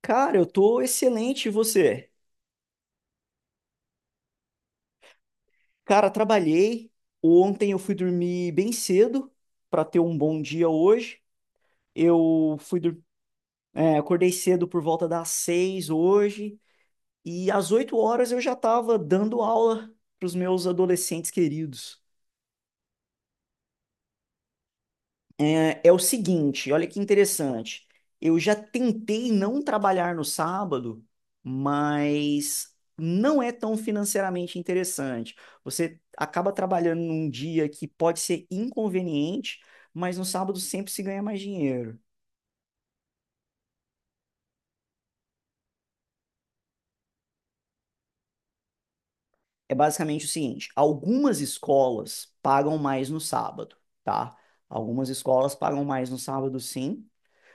Cara, eu tô excelente, e você? Cara, trabalhei. Ontem eu fui dormir bem cedo pra ter um bom dia hoje. Eu fui dur- é, acordei cedo por volta das 6 hoje e às 8 horas eu já tava dando aula pros meus adolescentes queridos. É, é o seguinte, olha que interessante. Eu já tentei não trabalhar no sábado, mas não é tão financeiramente interessante. Você acaba trabalhando num dia que pode ser inconveniente, mas no sábado sempre se ganha mais dinheiro. É basicamente o seguinte: algumas escolas pagam mais no sábado, tá? Algumas escolas pagam mais no sábado, sim.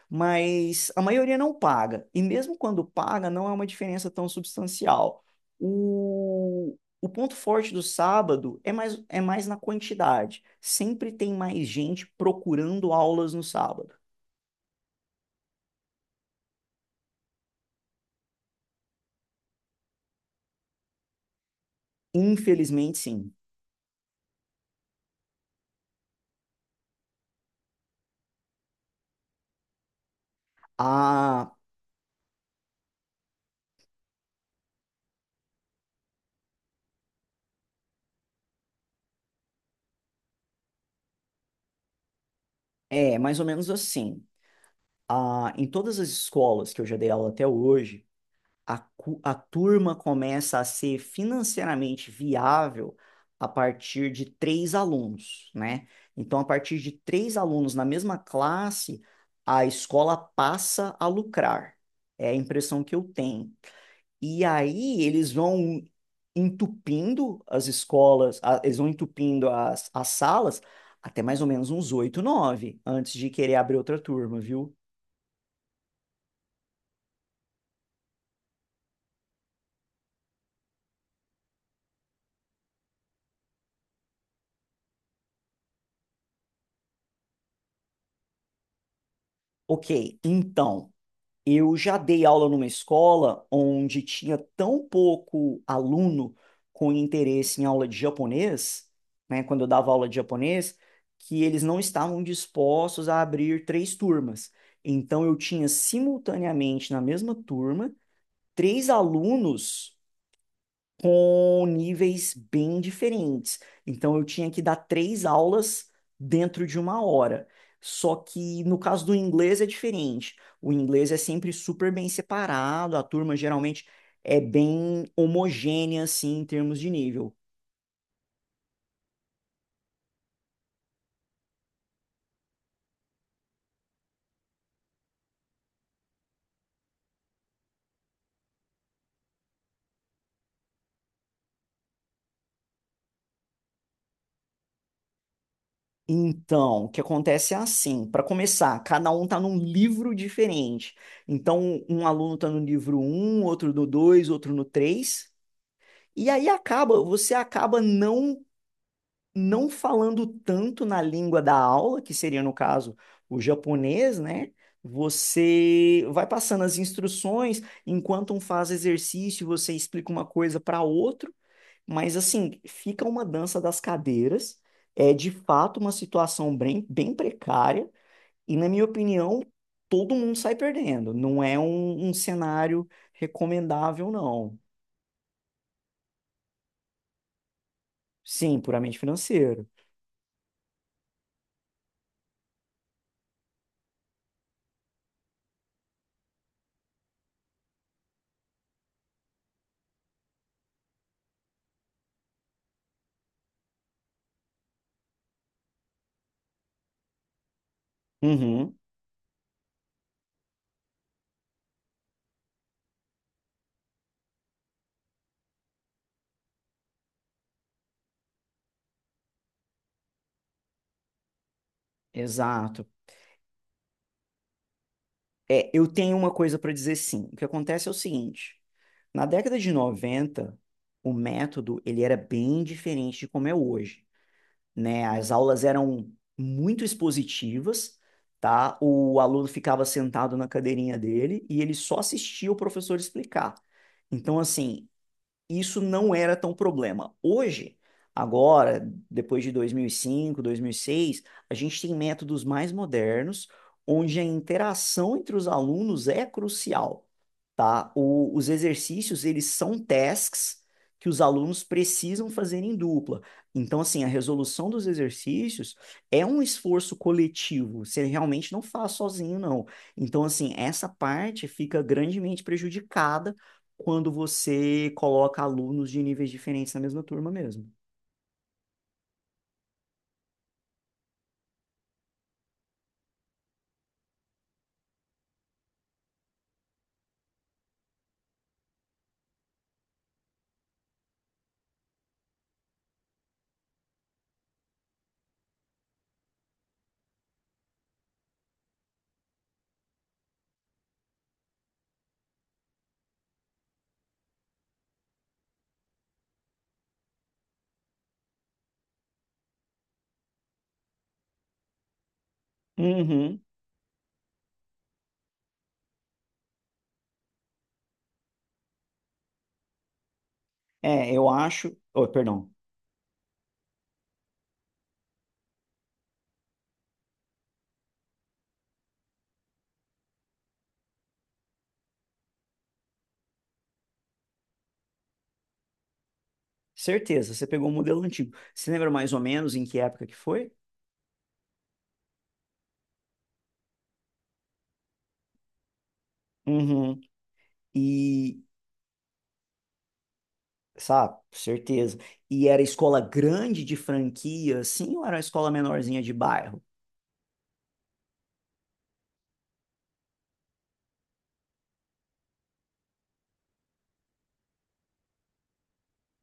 Mas a maioria não paga. E mesmo quando paga, não é uma diferença tão substancial. O ponto forte do sábado é mais na quantidade. Sempre tem mais gente procurando aulas no sábado. Infelizmente, sim. Ah, é mais ou menos assim. Ah, em todas as escolas que eu já dei aula até hoje, a turma começa a ser financeiramente viável a partir de três alunos, né? Então, a partir de três alunos na mesma classe, a escola passa a lucrar. É a impressão que eu tenho. E aí eles vão entupindo as escolas, eles vão entupindo as salas até mais ou menos uns oito, nove, antes de querer abrir outra turma, viu? Ok, então. Eu já dei aula numa escola onde tinha tão pouco aluno com interesse em aula de japonês, né, quando eu dava aula de japonês, que eles não estavam dispostos a abrir três turmas. Então eu tinha simultaneamente na mesma turma três alunos com níveis bem diferentes. Então eu tinha que dar três aulas dentro de uma hora. Só que no caso do inglês é diferente. O inglês é sempre super bem separado, a turma geralmente é bem homogênea assim em termos de nível. Então, o que acontece é assim, para começar, cada um está num livro diferente. Então, um aluno está no livro um, outro no 2, outro no 3. E aí acaba, você acaba não falando tanto na língua da aula, que seria no caso o japonês, né? Você vai passando as instruções, enquanto um faz exercício, você explica uma coisa para outro, mas assim, fica uma dança das cadeiras. É de fato uma situação bem, bem precária, e na minha opinião, todo mundo sai perdendo. Não é um cenário recomendável, não. Sim, puramente financeiro. Uhum, exato. É, eu tenho uma coisa para dizer sim. O que acontece é o seguinte, na década de 90, o método ele era bem diferente de como é hoje, né? As aulas eram muito expositivas, tá? O aluno ficava sentado na cadeirinha dele e ele só assistia o professor explicar. Então, assim, isso não era tão problema. Hoje, agora, depois de dois mil e cinco, 2006, a gente tem métodos mais modernos, onde a interação entre os alunos é crucial, tá? Os exercícios, eles são tasks que os alunos precisam fazer em dupla. Então, assim, a resolução dos exercícios é um esforço coletivo. Você realmente não faz sozinho, não. Então, assim, essa parte fica grandemente prejudicada quando você coloca alunos de níveis diferentes na mesma turma mesmo. Uhum. É, eu acho. Oh, perdão. Certeza, você pegou o modelo antigo. Você lembra mais ou menos em que época que foi? Uhum. E, Sabe? Certeza. E era escola grande de franquia, assim, ou era uma escola menorzinha de bairro?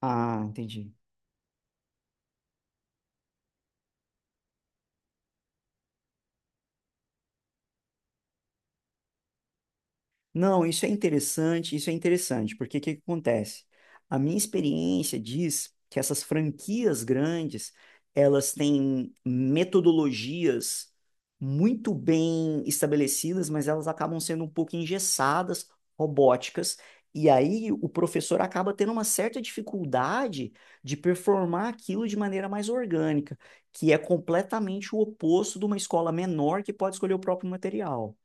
Ah, entendi. Não, isso é interessante, porque o que que acontece? A minha experiência diz que essas franquias grandes, elas têm metodologias muito bem estabelecidas, mas elas acabam sendo um pouco engessadas, robóticas, e aí o professor acaba tendo uma certa dificuldade de performar aquilo de maneira mais orgânica, que é completamente o oposto de uma escola menor que pode escolher o próprio material.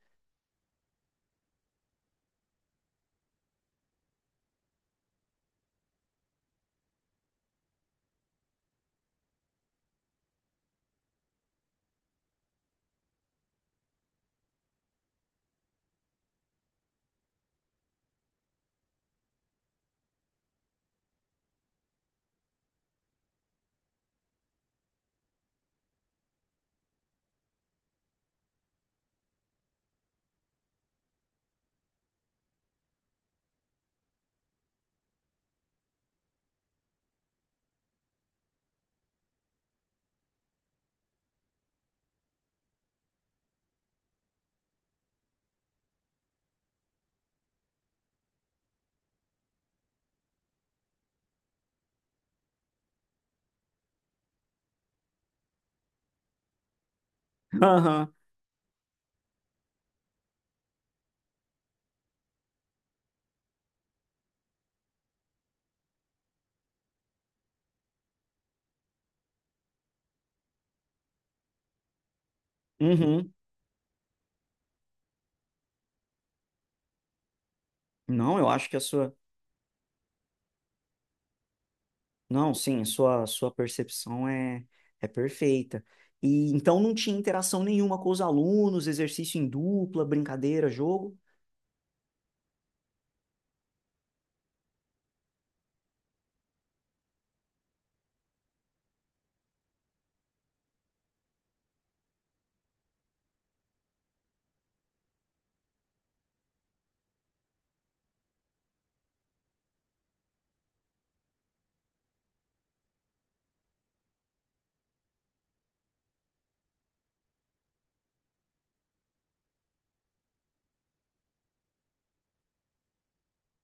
Aham. Uhum. Não, eu acho que a sua. Não, sim, sua percepção é perfeita. E então não tinha interação nenhuma com os alunos, exercício em dupla, brincadeira, jogo.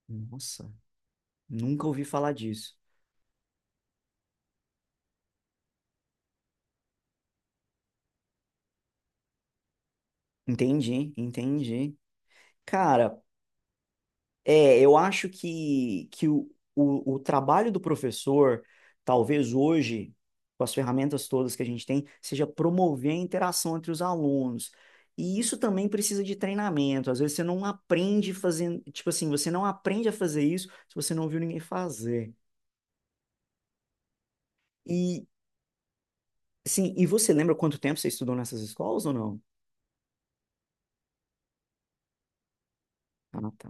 Nossa, nunca ouvi falar disso. Entendi, entendi. Cara, é, eu acho que o trabalho do professor, talvez hoje, com as ferramentas todas que a gente tem, seja promover a interação entre os alunos. E isso também precisa de treinamento. Às vezes você não aprende fazendo, tipo assim, você não aprende a fazer isso se você não viu ninguém fazer. E, sim, e você lembra quanto tempo você estudou nessas escolas ou não? Ah, tá.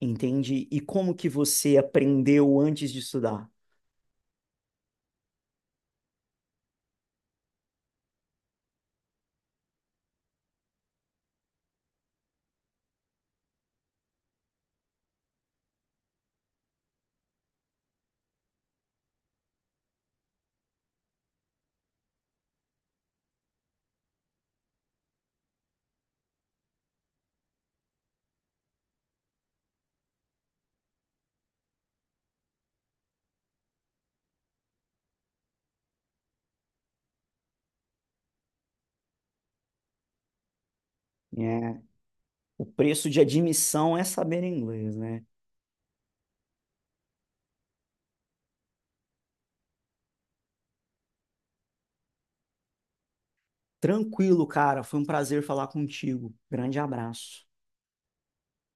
Entendi. E como que você aprendeu antes de estudar? É, o preço de admissão é saber inglês, né? Tranquilo, cara. Foi um prazer falar contigo. Grande abraço.